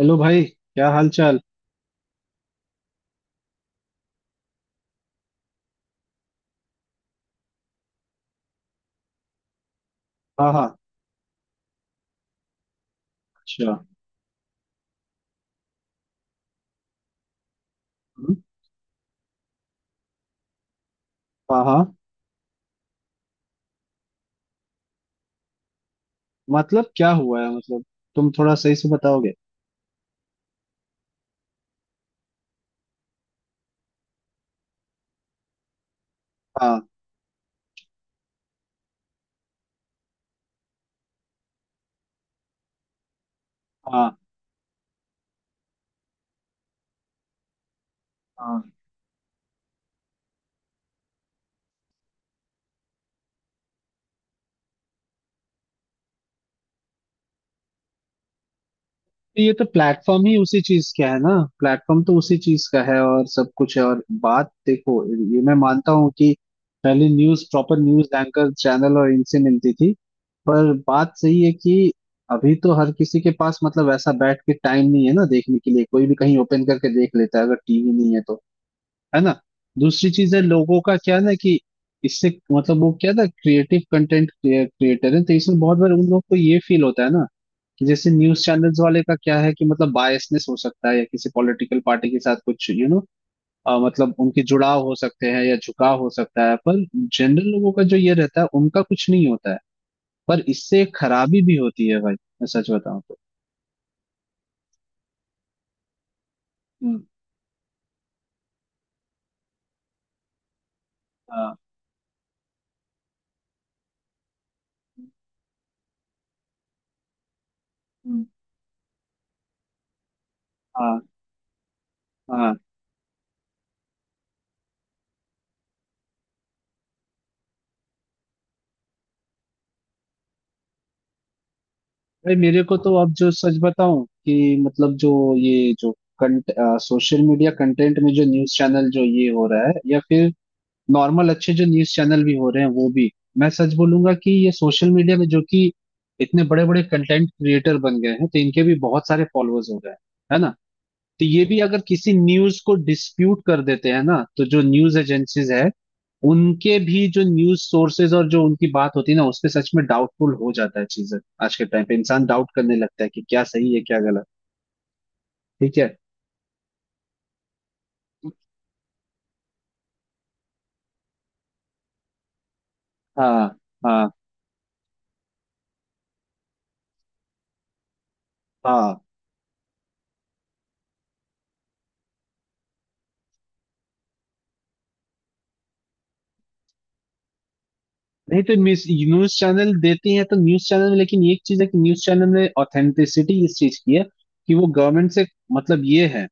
Hello भाई, क्या हाल चाल। हाँ हाँ। अच्छा। हम्म, हाँ हाँ। मतलब क्या हुआ है मतलब, तुम थोड़ा सही से बताओगे। हाँ हाँ हाँ। तो ये तो प्लेटफॉर्म ही उसी चीज का है ना। प्लेटफॉर्म तो उसी चीज का है और सब कुछ है, और बात देखो, ये मैं मानता हूँ कि पहले news, proper news anchor channel और इनसे मिलती थी। पर बात सही है कि अभी तो हर किसी के पास मतलब ऐसा बैठ के टाइम नहीं है ना देखने के लिए, कोई भी कहीं ओपन करके देख लेता है, अगर टीवी नहीं है तो। है ना। दूसरी चीज है लोगों का क्या ना कि इससे मतलब वो क्या था, क्रिएटिव कंटेंट क्रिएटर है, तो इसमें बहुत बार उन लोग को ये फील होता है ना कि जैसे न्यूज चैनल्स वाले का क्या है कि मतलब बायसनेस हो सकता है या किसी पॉलिटिकल पार्टी के साथ कुछ यू नो, मतलब उनके जुड़ाव हो सकते हैं या झुकाव हो सकता है, पर जनरल लोगों का जो ये रहता है उनका कुछ नहीं होता है। पर इससे एक खराबी भी होती है भाई, मैं सच बताऊं तो। हम्म। हाँ। हम्म। हाँ हाँ। भाई मेरे को तो अब जो सच बताऊं कि मतलब जो ये जो कंट, सोशल मीडिया कंटेंट में जो न्यूज चैनल जो ये हो रहा है या फिर नॉर्मल अच्छे जो न्यूज चैनल भी हो रहे हैं वो भी, मैं सच बोलूंगा कि ये सोशल मीडिया में जो कि इतने बड़े बड़े कंटेंट क्रिएटर बन गए हैं, तो इनके भी बहुत सारे फॉलोअर्स हो गए हैं। है ना। तो ये भी अगर किसी न्यूज को डिस्प्यूट कर देते हैं ना, तो जो न्यूज एजेंसीज है, उनके भी जो न्यूज सोर्सेज और जो उनकी बात होती है ना, उस पे सच में डाउटफुल हो जाता है चीजें। आज के टाइम पे इंसान डाउट करने लगता है कि क्या सही है क्या गलत। ठीक है। हाँ हाँ हाँ। नहीं तो न्यूज न्यूज चैनल देती है तो न्यूज चैनल में, लेकिन एक चीज है कि न्यूज चैनल में ऑथेंटिसिटी इस चीज की है कि वो गवर्नमेंट से, मतलब ये है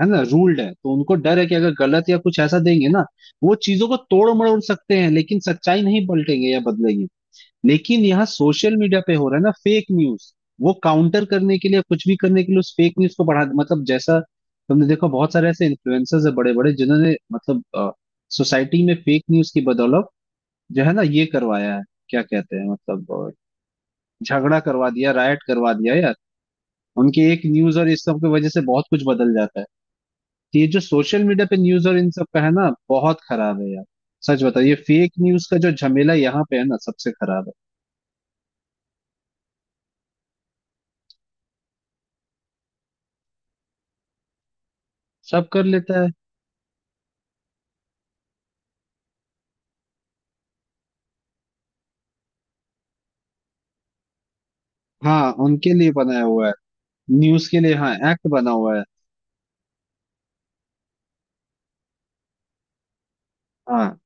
है ना, रूल्ड है, तो उनको डर है कि अगर गलत या कुछ ऐसा देंगे ना। वो चीजों को तोड़ मरोड़ सकते हैं, लेकिन सच्चाई नहीं पलटेंगे या बदलेंगे। लेकिन यहाँ सोशल मीडिया पे हो रहा है ना फेक न्यूज। वो काउंटर करने के लिए, कुछ भी करने के लिए उस फेक न्यूज को बढ़ा, मतलब जैसा तुमने देखो, बहुत सारे ऐसे इन्फ्लुएंसर्स है बड़े बड़े जिन्होंने मतलब सोसाइटी में फेक न्यूज की बदौलत जो है ना ये करवाया है, क्या कहते हैं मतलब झगड़ा करवा दिया, राइट करवा दिया यार। उनके एक न्यूज और इस सब की वजह से बहुत कुछ बदल जाता है। तो ये जो सोशल मीडिया पे न्यूज और इन सब का है ना, बहुत खराब है यार। सच बताओ, ये फेक न्यूज का जो झमेला यहाँ पे है ना सबसे खराब है। सब कर लेता है। हाँ, उनके लिए बनाया हुआ है। न्यूज के लिए हाँ एक्ट बना हुआ है। हाँ।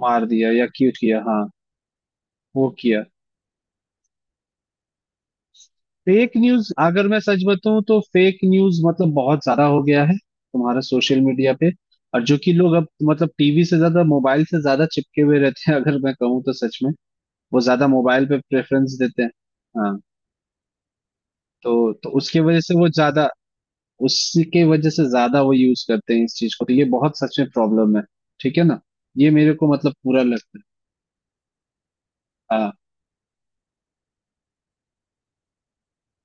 मार दिया या क्यों किया, हाँ। वो किया। फेक न्यूज, अगर मैं सच बताऊं तो फेक न्यूज मतलब बहुत ज्यादा हो गया है तुम्हारा सोशल मीडिया पे। और जो कि लोग अब मतलब टीवी से ज्यादा मोबाइल से ज्यादा चिपके हुए रहते हैं अगर मैं कहूँ तो सच में। वो ज्यादा मोबाइल पे प्रेफरेंस देते हैं। हाँ। तो उसके वजह से वो ज्यादा, उसके वजह से ज्यादा वो यूज करते हैं इस चीज को, तो ये बहुत सच में प्रॉब्लम है। ठीक है ना। ये मेरे को मतलब पूरा लगता है। हाँ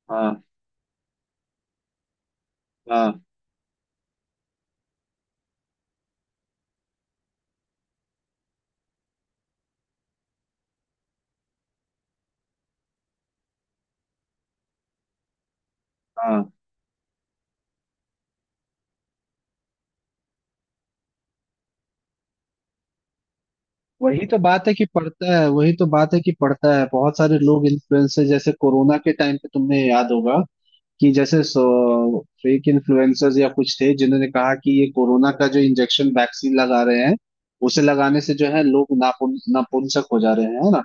हाँ हाँ हाँ। वही तो बात है कि पड़ता है, वही तो बात है कि पड़ता है। बहुत सारे लोग इन्फ्लुएंसर, जैसे कोरोना के टाइम पे तुमने याद होगा कि जैसे फेक इन्फ्लुएंसर्स या कुछ थे जिन्होंने कहा कि ये कोरोना का जो इंजेक्शन वैक्सीन लगा रहे हैं, उसे लगाने से जो है लोग नापुंसक हो जा रहे हैं, है ना।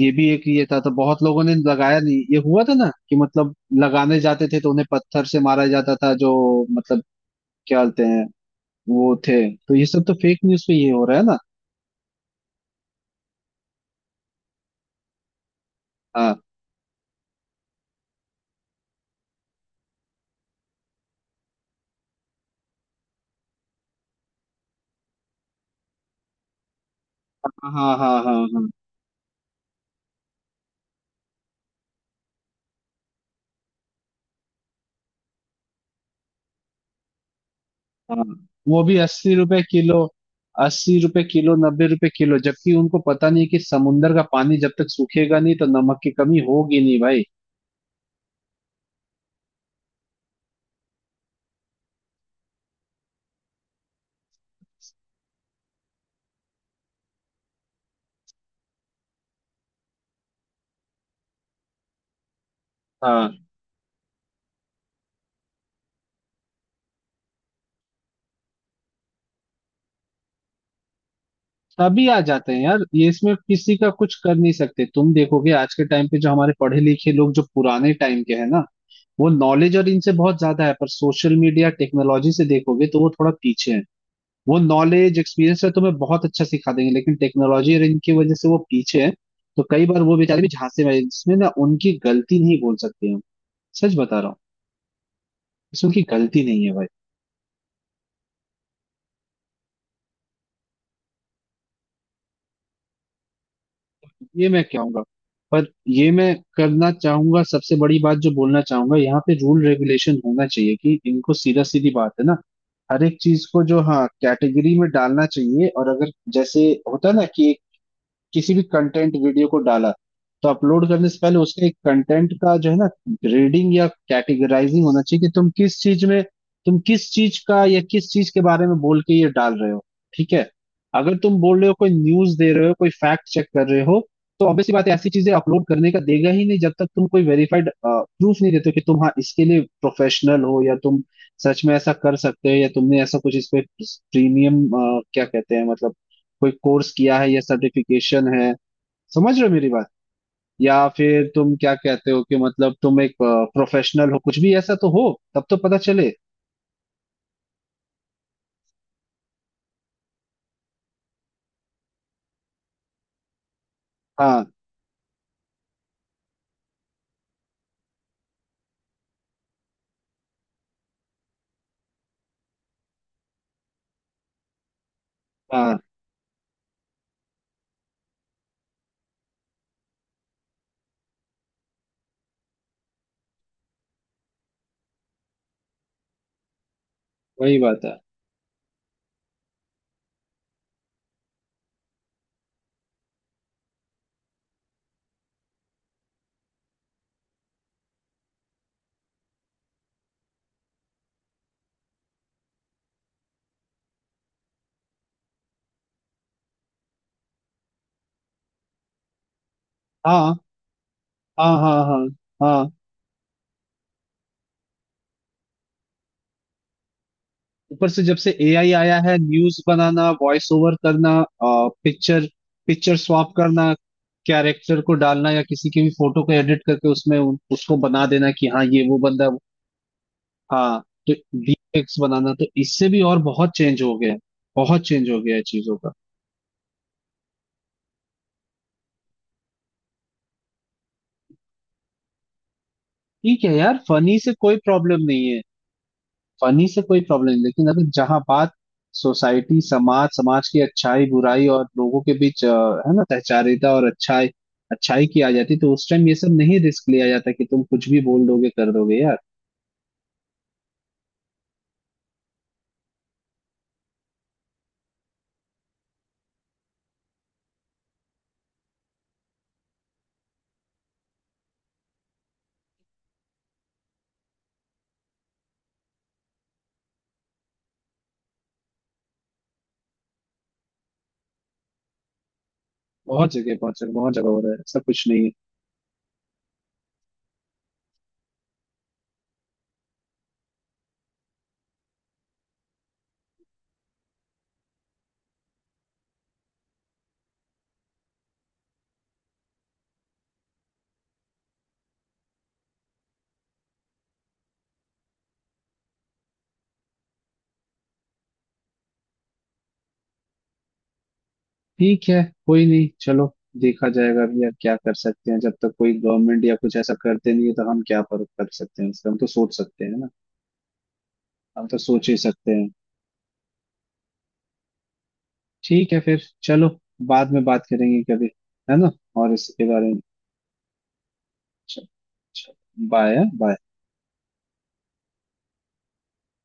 ये भी एक ये था, तो बहुत लोगों ने लगाया नहीं, ये हुआ था ना कि मतलब लगाने जाते थे तो उन्हें पत्थर से मारा जाता था, जो मतलब क्या बोलते हैं वो थे। तो ये सब तो फेक न्यूज पे ये हो रहा है ना। हाँ हाँ हाँ हाँ हाँ हाँ हाँ। वो भी 80 रुपए किलो, 80 रुपए किलो, 90 रुपए किलो, जबकि उनको पता नहीं कि समुंदर का पानी जब तक सूखेगा नहीं तो नमक की कमी होगी नहीं भाई। हाँ। तभी आ जाते हैं यार, ये इसमें किसी का कुछ कर नहीं सकते। तुम देखोगे आज के टाइम पे जो हमारे पढ़े लिखे लोग जो पुराने टाइम के हैं ना, वो नॉलेज और इनसे बहुत ज्यादा है, पर सोशल मीडिया टेक्नोलॉजी से देखोगे तो वो थोड़ा पीछे है। वो नॉलेज एक्सपीरियंस है, तुम्हें बहुत अच्छा सिखा देंगे, लेकिन टेक्नोलॉजी और इनकी वजह से वो पीछे है। तो कई बार वो बेचारे भी झांसे में हैं। इसमें ना उनकी गलती नहीं बोल सकते हम। सच बता रहा हूँ। इसमें उनकी गलती नहीं है भाई। ये मैं कहूंगा, पर ये मैं करना चाहूंगा, सबसे बड़ी बात जो बोलना चाहूंगा, यहाँ पे रूल रेगुलेशन होना चाहिए कि इनको सीधा, सीधी बात है ना। हर एक चीज को जो हाँ कैटेगरी में डालना चाहिए, और अगर जैसे होता है ना कि किसी भी कंटेंट वीडियो को डाला, तो अपलोड करने से पहले उसका एक कंटेंट का जो है ना ग्रेडिंग या कैटेगराइजिंग होना चाहिए कि तुम किस चीज में, तुम किस चीज का या किस चीज के बारे में बोल के ये डाल रहे हो। ठीक है। अगर तुम बोल रहे हो, कोई न्यूज दे रहे हो, कोई फैक्ट चेक कर रहे हो, तो ऑब्वियसली बात है, ऐसी चीजें अपलोड करने का देगा ही नहीं जब तक तुम कोई वेरीफाइड प्रूफ नहीं देते हो कि तुम हाँ इसके लिए प्रोफेशनल हो, या तुम सच में ऐसा कर सकते हो, या तुमने ऐसा कुछ इस पे प्रीमियम, क्या कहते हैं मतलब, कोई कोर्स किया है या सर्टिफिकेशन है। समझ रहे हो मेरी बात। या फिर तुम क्या कहते हो कि मतलब तुम एक प्रोफेशनल हो, कुछ भी ऐसा तो हो, तब तो पता चले। हाँ हाँ। वही बात है। हाँ हाँ हाँ हाँ हाँ। ऊपर से जब से एआई आया है, न्यूज बनाना, वॉइस ओवर करना, पिक्चर पिक्चर स्वैप करना, कैरेक्टर को डालना, या किसी की भी फोटो को एडिट करके उसमें उसको बना देना कि हाँ ये वो बंदा है, हाँ। तो वीएक्स बनाना, तो इससे भी और बहुत चेंज हो गया है। बहुत चेंज हो गया है चीजों का। ठीक है यार, फनी से कोई प्रॉब्लम नहीं है। फनी से कोई प्रॉब्लम नहीं, लेकिन अगर जहां बात सोसाइटी, समाज समाज की अच्छाई बुराई और लोगों के बीच है ना सहचारिता और अच्छाई, अच्छाई की आ जाती, तो उस टाइम ये सब नहीं रिस्क लिया जाता कि तुम कुछ भी बोल दोगे कर दोगे यार। बहुत जगह, बहुत जगह, बहुत जगह हो रहा है, ऐसा कुछ नहीं है। ठीक है। कोई नहीं, चलो। देखा जाएगा अभी यार, क्या कर सकते हैं जब तक कोई गवर्नमेंट या कुछ ऐसा करते नहीं है, तो हम क्या पर कर सकते हैं, इसका हम तो सोच सकते हैं ना। हम तो सोच ही सकते हैं। ठीक है फिर, चलो। बाद में बात करेंगे कभी। है ना। और इसके बारे में। चलो, बाय बाय।